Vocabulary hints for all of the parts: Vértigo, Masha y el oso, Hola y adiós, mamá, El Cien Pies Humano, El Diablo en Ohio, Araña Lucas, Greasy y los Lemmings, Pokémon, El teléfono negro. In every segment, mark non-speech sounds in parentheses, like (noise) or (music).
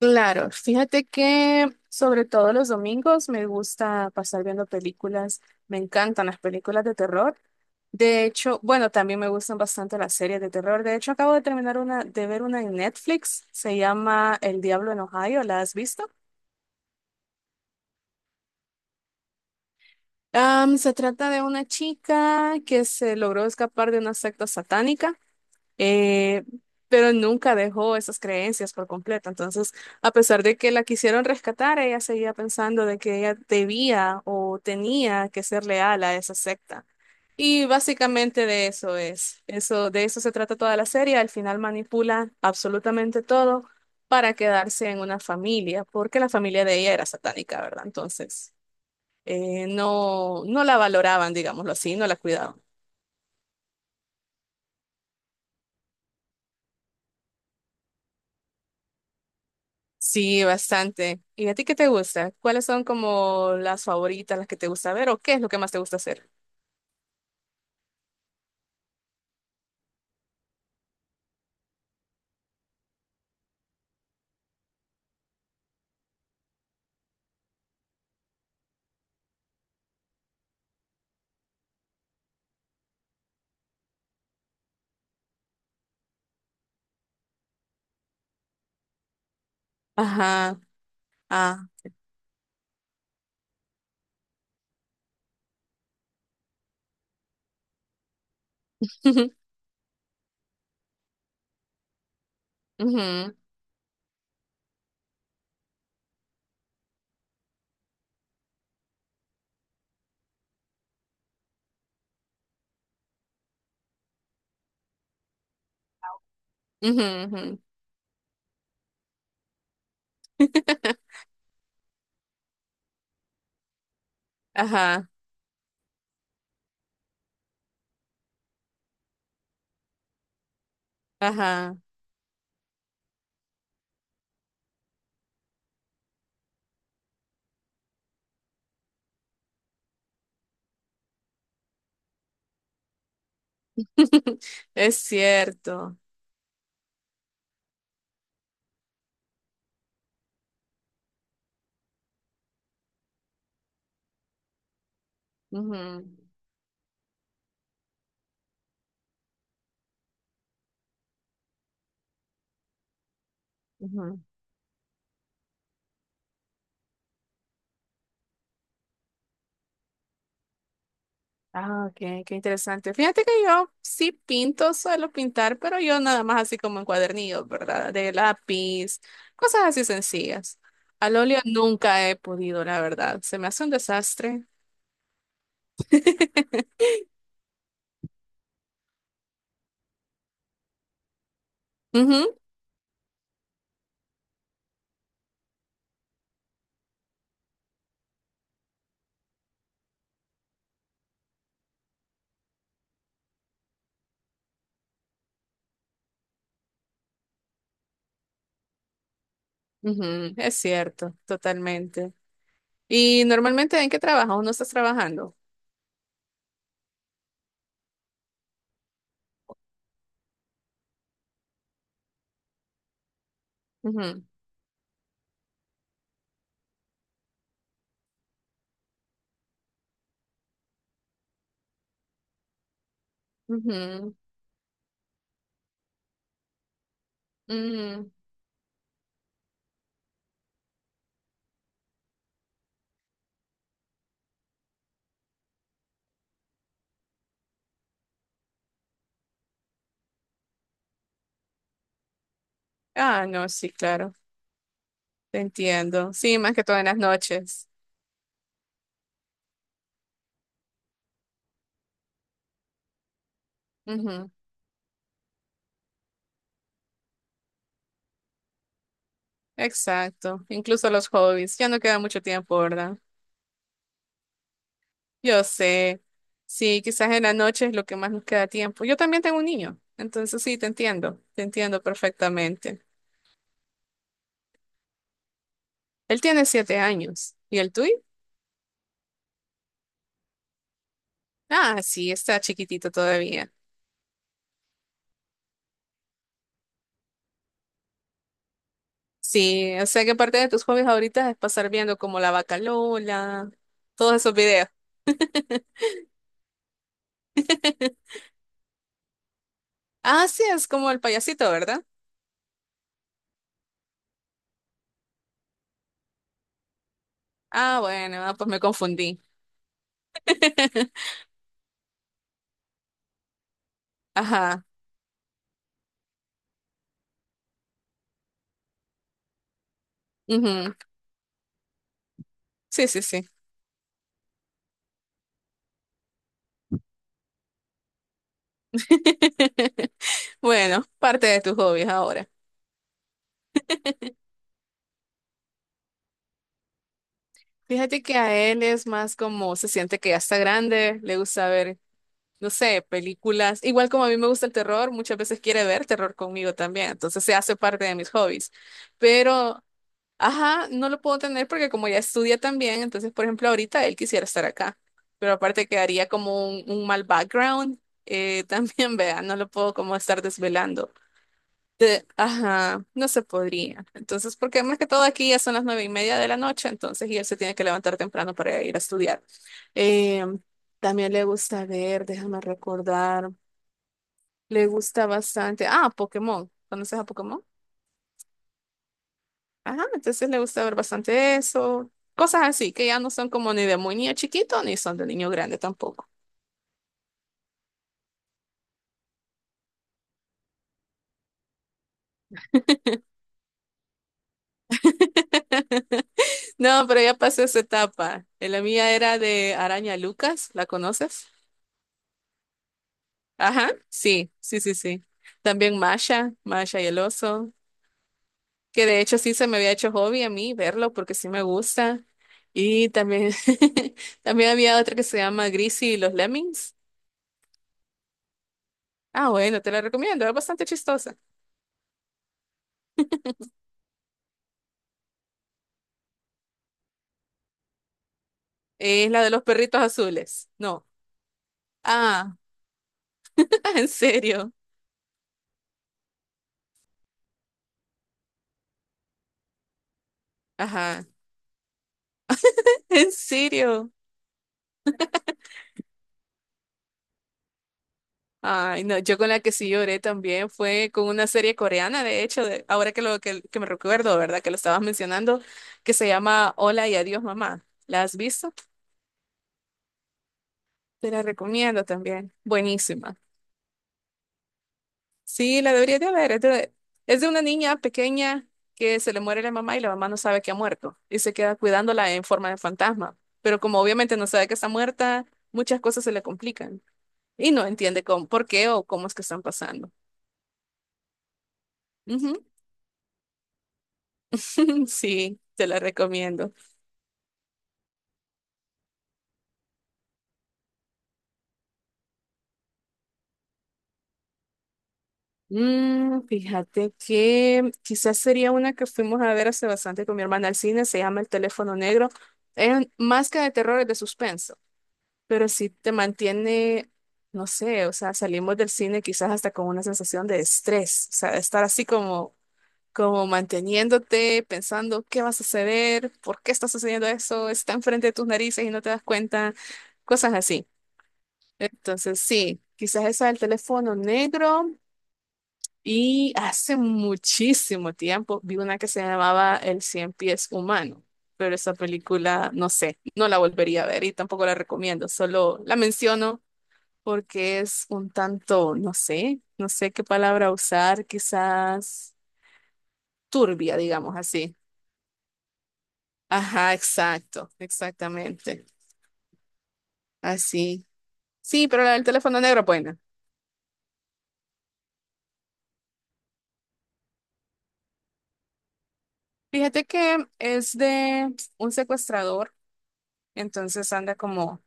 Claro, fíjate que sobre todo los domingos me gusta pasar viendo películas, me encantan las películas de terror. De hecho, bueno, también me gustan bastante las series de terror. De hecho, acabo de terminar una, de ver una en Netflix, se llama El Diablo en Ohio, ¿la has visto? Se trata de una chica que se logró escapar de una secta satánica eh, pero nunca dejó esas creencias por completo. Entonces, a pesar de que la quisieron rescatar, ella seguía pensando de que ella debía o tenía que ser leal a esa secta. Y básicamente de eso se trata toda la serie. Al final manipula absolutamente todo para quedarse en una familia, porque la familia de ella era satánica, ¿verdad? Entonces, no, no la valoraban, digámoslo así, no la cuidaban. Sí, bastante. ¿Y a ti qué te gusta? ¿Cuáles son como las favoritas, las que te gusta ver o qué es lo que más te gusta hacer? Ajá, ah, (laughs) ujú, ujú, ujú. Ajá, ajá. (laughs) Es cierto. Ujú, ujú. Ah, ok, qué interesante. Fíjate que yo sí pinto, suelo pintar, pero yo nada más así como en cuadernillos, ¿verdad? De lápiz, cosas así sencillas. Al óleo nunca he podido, la verdad. Se me hace un desastre. (laughs) Ujú, ujú, es cierto, totalmente. Y normalmente, ¿en qué trabajas o no estás trabajando? Ujú, ujú, ujú. Ah, no, sí, claro, te entiendo. Sí, más que todo en las noches. Ujú, exacto, incluso los hobbies, ya no queda mucho tiempo, ¿verdad? Yo sé, sí, quizás en la noche es lo que más nos queda tiempo. Yo también tengo un niño, entonces sí, te entiendo perfectamente. Él tiene 7 años, ¿y el tuyo? Ah, sí, está chiquitito todavía. Sí, o sea que parte de tus hobbies ahorita es pasar viendo como la vaca Lola, todos esos videos. (laughs) Ah, sí, es como el payasito, ¿verdad? Ah, bueno, ah, pues me confundí. (laughs) Ajá. Ujú, sí, sí, sí. (laughs) Bueno, parte de tus hobbies ahora. Fíjate que a él es más como se siente que ya está grande, le gusta ver, no sé, películas. Igual como a mí me gusta el terror, muchas veces quiere ver terror conmigo también, entonces se hace parte de mis hobbies. Pero ajá, no lo puedo tener porque como ya estudia también, entonces, por ejemplo, ahorita él quisiera estar acá, pero aparte quedaría como un mal background, (laughs) también, vea, no lo puedo como estar desvelando. Ajá, no se podría. Entonces, porque más que todo aquí ya son las 9:30 de la noche, entonces, y él se tiene que levantar temprano para ir a estudiar. Eh, También le gusta ver, déjame recordar, le gusta bastante. Ah, Pokémon. ¿Conoces a Pokémon? Ajá, entonces le gusta ver bastante eso. Cosas así, que ya no son como ni de muy niño chiquito, ni son de niño grande tampoco. (laughs) No, pero ya pasó esa etapa. La mía era de Araña Lucas, ¿la conoces? Ajá, sí, sí, sí, sí. También Masha, Masha y el oso, que de hecho sí se me había hecho hobby a mí verlo porque sí me gusta. Y también, (laughs) también había otra que se llama Greasy y los Lemmings. Ah, bueno, te la recomiendo, es bastante chistosa. Es la de los perritos azules. No. Ah, (laughs) en serio. Ajá. En serio. Ay, no, yo con la que sí lloré también fue con una serie coreana, de hecho, ahora que que me recuerdo, ¿verdad? Que lo estabas mencionando, que se llama Hola y adiós, mamá. ¿La has visto? Te la recomiendo también. Buenísima. Sí, la deberías de ver. Es de una niña pequeña que se le muere la mamá y la mamá no sabe que ha muerto y se queda cuidándola en forma de fantasma. Pero como obviamente no sabe que está muerta, muchas cosas se le complican, y no entiende cómo, por qué o cómo es que están pasando. Ujú. (laughs) Sí, te la recomiendo. Mm, fíjate que quizás sería una que fuimos a ver hace bastante con mi hermana al cine, se llama El teléfono negro. Es más que de terror, es de suspenso, pero sí te mantiene, no sé, o sea, salimos del cine quizás hasta con una sensación de estrés, o sea, de estar así como como manteniéndote, pensando qué va a suceder, por qué está sucediendo eso, está enfrente de tus narices y no te das cuenta, cosas así. Entonces, sí, quizás eso del teléfono negro. Y hace muchísimo tiempo vi una que se llamaba El Cien Pies Humano, pero esa película, no sé, no la volvería a ver y tampoco la recomiendo, solo la menciono porque es un tanto, no sé, no sé qué palabra usar, quizás turbia, digamos así. Ajá, exacto, exactamente. Así. Sí, pero la del teléfono negro, bueno. Fíjate que es de un secuestrador, entonces anda como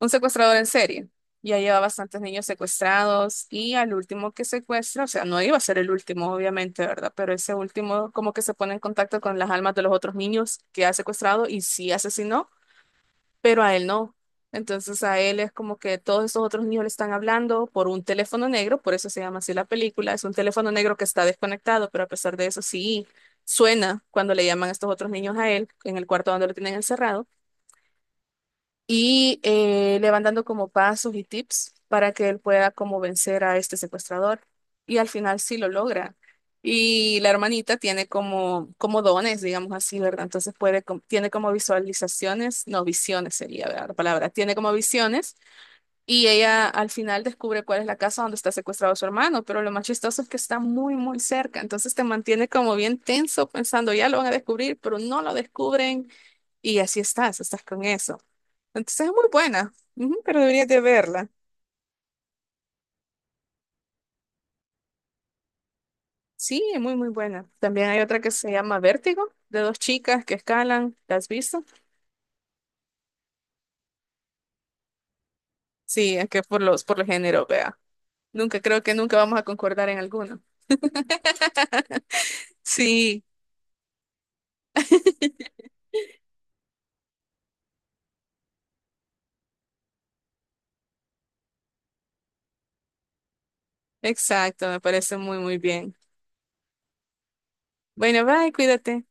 un secuestrador en serie. Ya lleva bastantes niños secuestrados y al último que secuestra, o sea, no iba a ser el último, obviamente, ¿verdad? Pero ese último como que se pone en contacto con las almas de los otros niños que ha secuestrado y sí asesinó, pero a él no. Entonces a él es como que todos estos otros niños le están hablando por un teléfono negro, por eso se llama así la película, es un teléfono negro que está desconectado, pero a pesar de eso sí suena cuando le llaman a estos otros niños a él en el cuarto donde lo tienen encerrado y le van dando como pasos y tips para que él pueda como vencer a este secuestrador. Y al final sí lo logra. Y la hermanita tiene como, como dones, digamos así, ¿verdad? Entonces puede, tiene como visualizaciones, no visiones sería, ¿verdad? La palabra. Tiene como visiones y ella al final descubre cuál es la casa donde está secuestrado su hermano, pero lo más chistoso es que está muy, muy cerca. Entonces te mantiene como bien tenso pensando, ya lo van a descubrir, pero no lo descubren y así estás con eso. Entonces es muy buena, ujú, pero deberías de verla. Sí, es muy, muy buena. También hay otra que se llama Vértigo, de dos chicas que escalan. ¿La has visto? Sí, es que por el género, vea. Nunca, creo que nunca vamos a concordar en alguno. Sí, exacto, me parece muy, muy bien. Bueno, bye, cuídate.